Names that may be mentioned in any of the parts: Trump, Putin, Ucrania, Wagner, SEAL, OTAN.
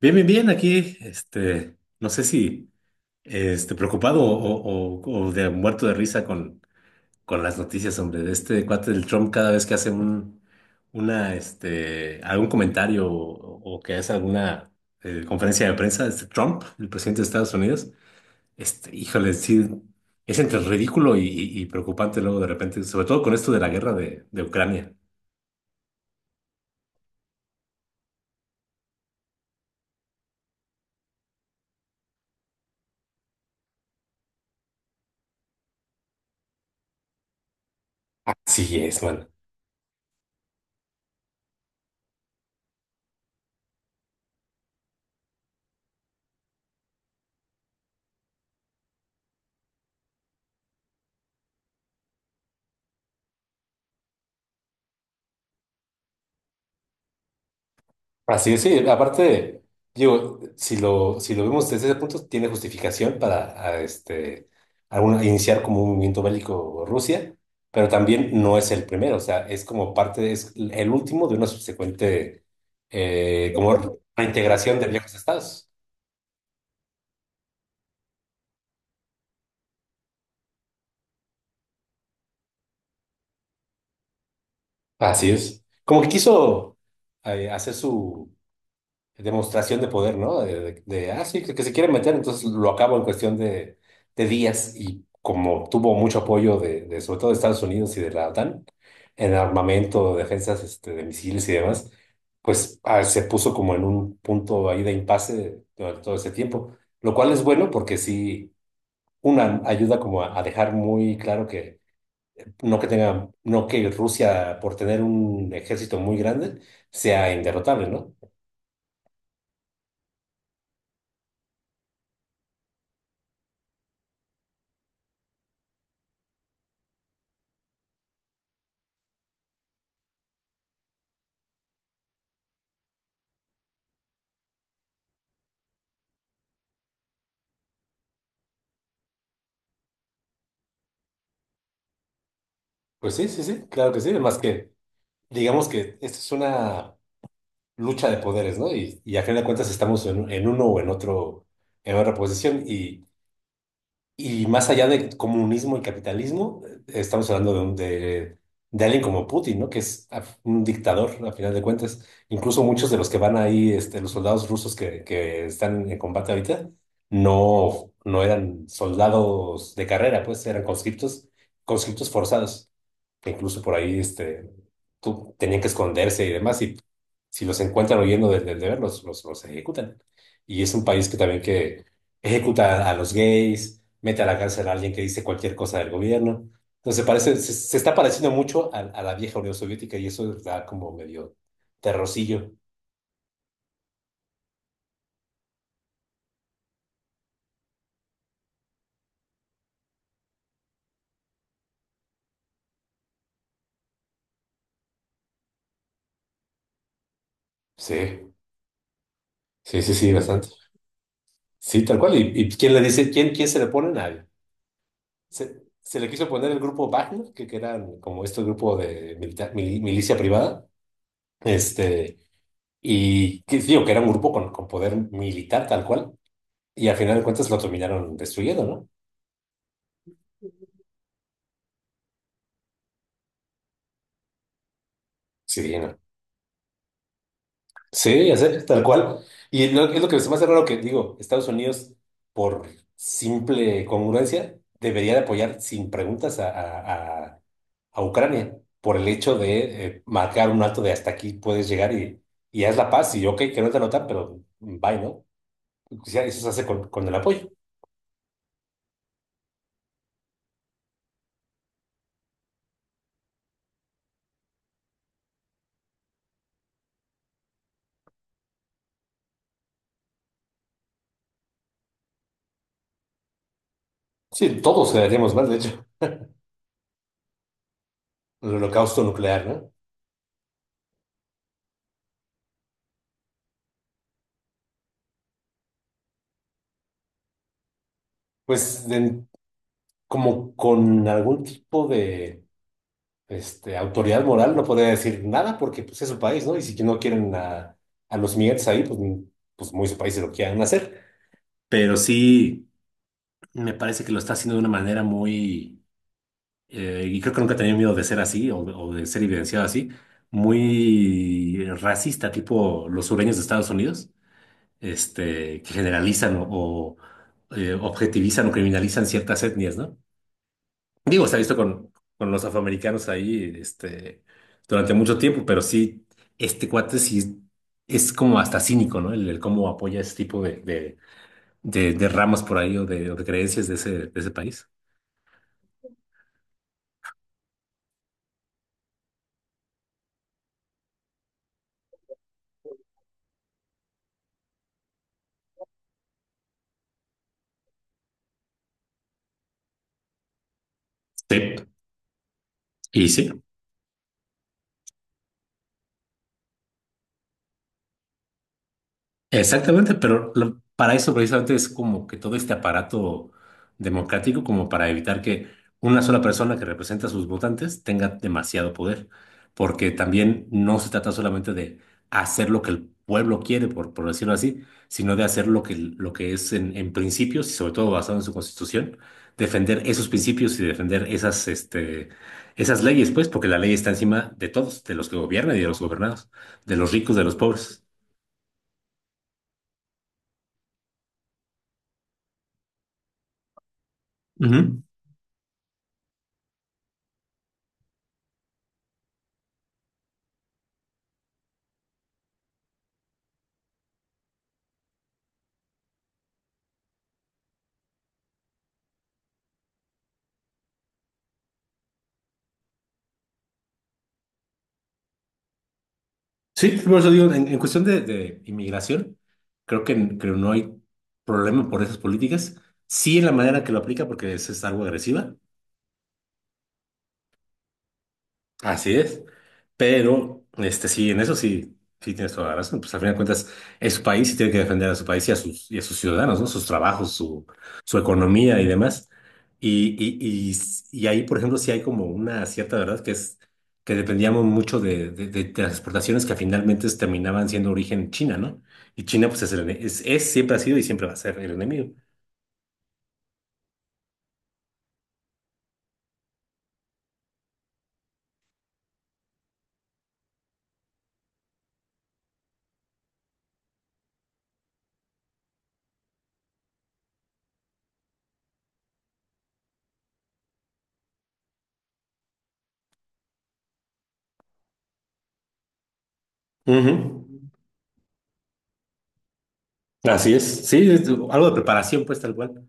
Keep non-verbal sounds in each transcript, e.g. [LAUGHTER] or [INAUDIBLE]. Bien, bien, bien, aquí, no sé si, preocupado o de muerto de risa con las noticias, hombre, de este cuate del Trump cada vez que hace una, algún comentario o que hace alguna conferencia de prensa, este Trump, el presidente de Estados Unidos, híjole, sí, es entre ridículo y preocupante luego de repente, sobre todo con esto de la guerra de Ucrania. Sí, es. Así es, sí, aparte, digo, si lo vemos desde ese punto, tiene justificación para algún iniciar como un movimiento bélico Rusia, pero también no es el primero, o sea, es como parte, es el último de una subsecuente como reintegración de viejos estados. Así es. Como que quiso hacer su demostración de poder, ¿no? Ah, sí, que se quiere meter, entonces lo acabo en cuestión de días y como tuvo mucho apoyo de, sobre todo de Estados Unidos y de la OTAN en armamento, defensas, de misiles y demás, pues se puso como en un punto ahí de impasse durante todo ese tiempo, lo cual es bueno porque sí, una ayuda como a dejar muy claro que no que Rusia por tener un ejército muy grande sea inderrotable, ¿no? Pues sí, sí, sí, claro que sí. Más que, digamos que esta es una lucha de poderes, ¿no? Y a fin de cuentas estamos en uno o en otro, en otra posición. Y más allá de comunismo y capitalismo, estamos hablando de alguien como Putin, ¿no? Que es un dictador, a final de cuentas. Incluso muchos de los que van ahí, los soldados rusos que están en combate ahorita, no, no eran soldados de carrera, pues eran conscriptos, conscriptos forzados que incluso por ahí, tenían que esconderse y demás, y si los encuentran huyendo del deber, los ejecutan. Y es un país que también que ejecuta a los gays, mete a la cárcel a alguien que dice cualquier cosa del gobierno. Entonces parece, se está pareciendo mucho a la vieja Unión Soviética y eso da como medio terrorcillo. Sí, sí, sí, sí, bastante. Sí, tal cual. ¿Y quién le dice, quién se le pone? Nadie. Se le quiso poner el grupo Wagner, que eran como este grupo de milicia privada. Este, y que, digo, que era un grupo con poder militar tal cual, y al final de cuentas lo terminaron destruyendo, ¿no? Sí, ¿no? Sí, ya sé, tal cual. Es lo que se me hace raro que, digo, Estados Unidos, por simple congruencia, debería de apoyar sin preguntas a Ucrania por el hecho de marcar un alto de hasta aquí puedes llegar y haz la paz y ok, que no te anotan, pero bye, ¿no? O sea, eso se hace con el apoyo. Sí, todos quedaríamos mal, de hecho, el holocausto nuclear, ¿no? Pues como con algún tipo de autoridad moral no podría decir nada porque pues, es su país, ¿no? Y si no quieren a los migrantes ahí, pues, pues muy su país se lo quieran hacer. Pero sí, me parece que lo está haciendo de una manera muy, y creo que nunca he tenido miedo de ser así o de ser evidenciado así, muy racista, tipo los sureños de Estados Unidos, que generalizan objetivizan o criminalizan ciertas etnias, ¿no? Digo, se ha visto con los afroamericanos ahí, durante mucho tiempo, pero sí, este cuate sí es como hasta cínico, ¿no? El cómo apoya ese tipo de ramas por ahí o de creencias de ese país. Sí, y sí. Exactamente, pero para eso precisamente es como que todo este aparato democrático como para evitar que una sola persona que representa a sus votantes tenga demasiado poder, porque también no se trata solamente de hacer lo que el pueblo quiere, por decirlo así, sino de hacer lo que es en principios y sobre todo basado en su constitución, defender esos principios y defender esas leyes, pues, porque la ley está encima de todos, de los que gobiernan y de los gobernados, de los ricos, de los pobres. Ujú. Sí, por eso digo, en cuestión de inmigración, creo que, creo no hay problema por esas políticas. Sí, en la manera que lo aplica, porque es algo agresiva. Así es. Pero, sí, en eso sí, sí tienes toda la razón. Pues al final de cuentas, es su país y tiene que defender a su país y a sus ciudadanos, ¿no? Sus trabajos, su economía y demás. Y, y, y, y ahí, por ejemplo, sí hay como una cierta verdad que es que dependíamos mucho de las exportaciones que finalmente terminaban siendo origen China, ¿no? Y China, pues, es, el ene- es- siempre ha sido y siempre va a ser el enemigo. Ujú. Así es. Sí, es algo de preparación, pues, tal cual.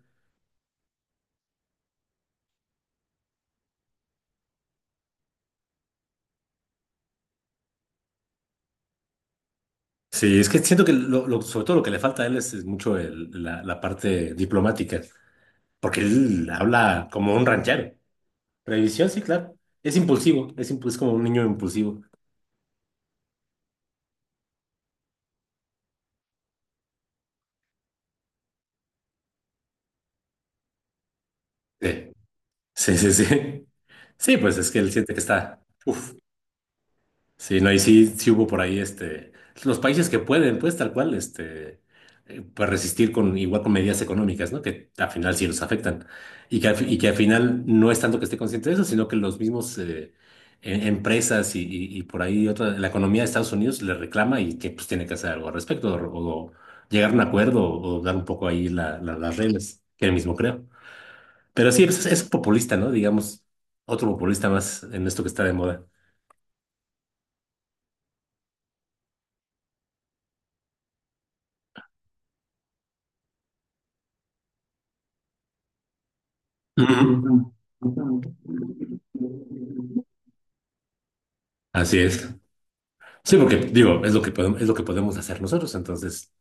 Sí, es que siento que sobre todo lo que le falta a él es mucho la parte diplomática, porque él habla como un ranchero. Revisión, sí, claro. Es impulsivo, es como un niño impulsivo. Sí, sí, sí. Sí, sí, pues es que él siente que está. Uf. Sí, no, y sí, sí hubo por ahí, los países que pueden, pues tal cual, pues resistir con igual con medidas económicas, ¿no? Que al final sí los afectan. Y que al final no es tanto que esté consciente de eso, sino que los mismos, empresas y por ahí otra, la economía de Estados Unidos le reclama y que pues tiene que hacer algo al respecto, o llegar a un acuerdo, o dar un poco ahí las reglas, que él mismo creo. Pero sí, es populista, ¿no? Digamos, otro populista más en esto que está de moda. Ujú. Así es. Sí, porque digo, es lo que podemos, es lo que podemos hacer nosotros. Entonces,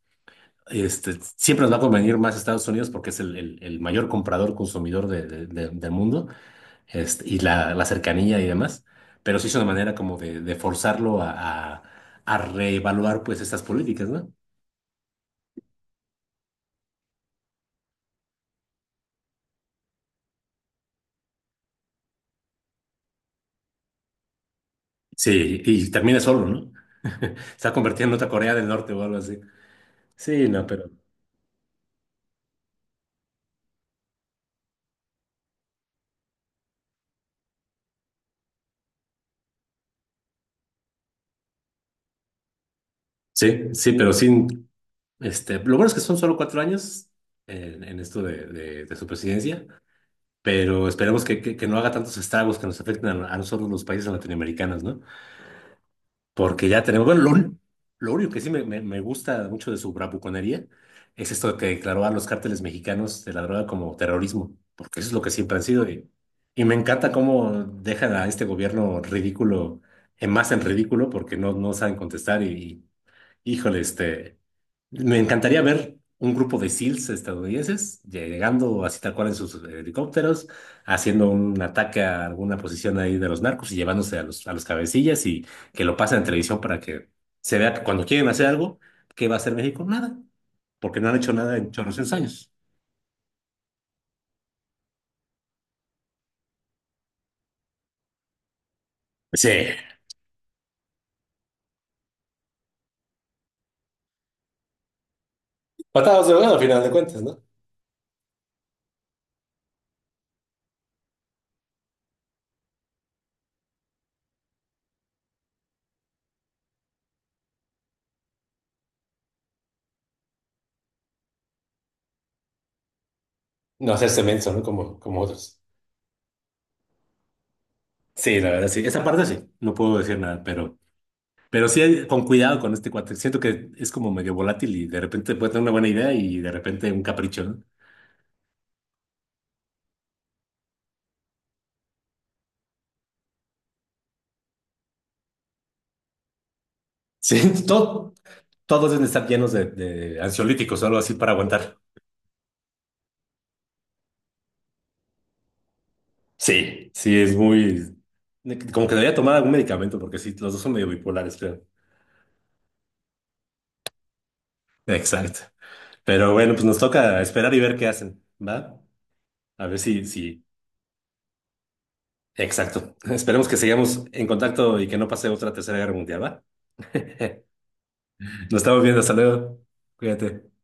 siempre nos va a convenir más Estados Unidos porque es el mayor comprador, consumidor del mundo, y la cercanía y demás. Pero sí es una manera como de forzarlo a reevaluar pues estas políticas, ¿no? Sí, y termina solo, ¿no? [LAUGHS] Se ha convertido en otra Corea del Norte o algo así. Sí, no, pero sí, sí, pero sí. Lo bueno es que son solo 4 años en esto de su presidencia, pero esperemos que, que no haga tantos estragos que nos afecten a nosotros los países latinoamericanos, ¿no? Porque ya tenemos, bueno, lo único que sí me gusta mucho de su bravuconería es esto que declaró a los cárteles mexicanos de la droga como terrorismo, porque eso es lo que siempre han sido. Y me encanta cómo dejan a este gobierno ridículo, en más en ridículo, porque no saben contestar y, híjole, me encantaría ver un grupo de SEALs estadounidenses llegando así tal cual en sus helicópteros, haciendo un ataque a alguna posición ahí de los narcos y llevándose a los cabecillas y que lo pasen en televisión para que se vea que cuando quieren hacer algo, ¿qué va a hacer México? Nada, porque no han hecho nada en 800 años. Sí, patadas de bueno al final de cuentas, ¿no? No hacerse menso, ¿no? Como otros. Sí, la verdad, sí. Esa parte sí, no puedo decir nada, pero. Sí, con cuidado con este cuate. Siento que es como medio volátil y de repente puede tener una buena idea y de repente un capricho, ¿no? Sí, [LAUGHS] todos deben estar llenos de ansiolíticos o algo así para aguantar. Sí, sí, es muy... Como que debería tomar algún medicamento porque sí, los dos son medio bipolares, creo. Exacto. Pero bueno, pues nos toca esperar y ver qué hacen, ¿va? A ver si... Exacto. [LAUGHS] Esperemos que sigamos en contacto y que no pase otra tercera guerra mundial, ¿va? [LAUGHS] Nos estamos viendo, hasta luego. Cuídate.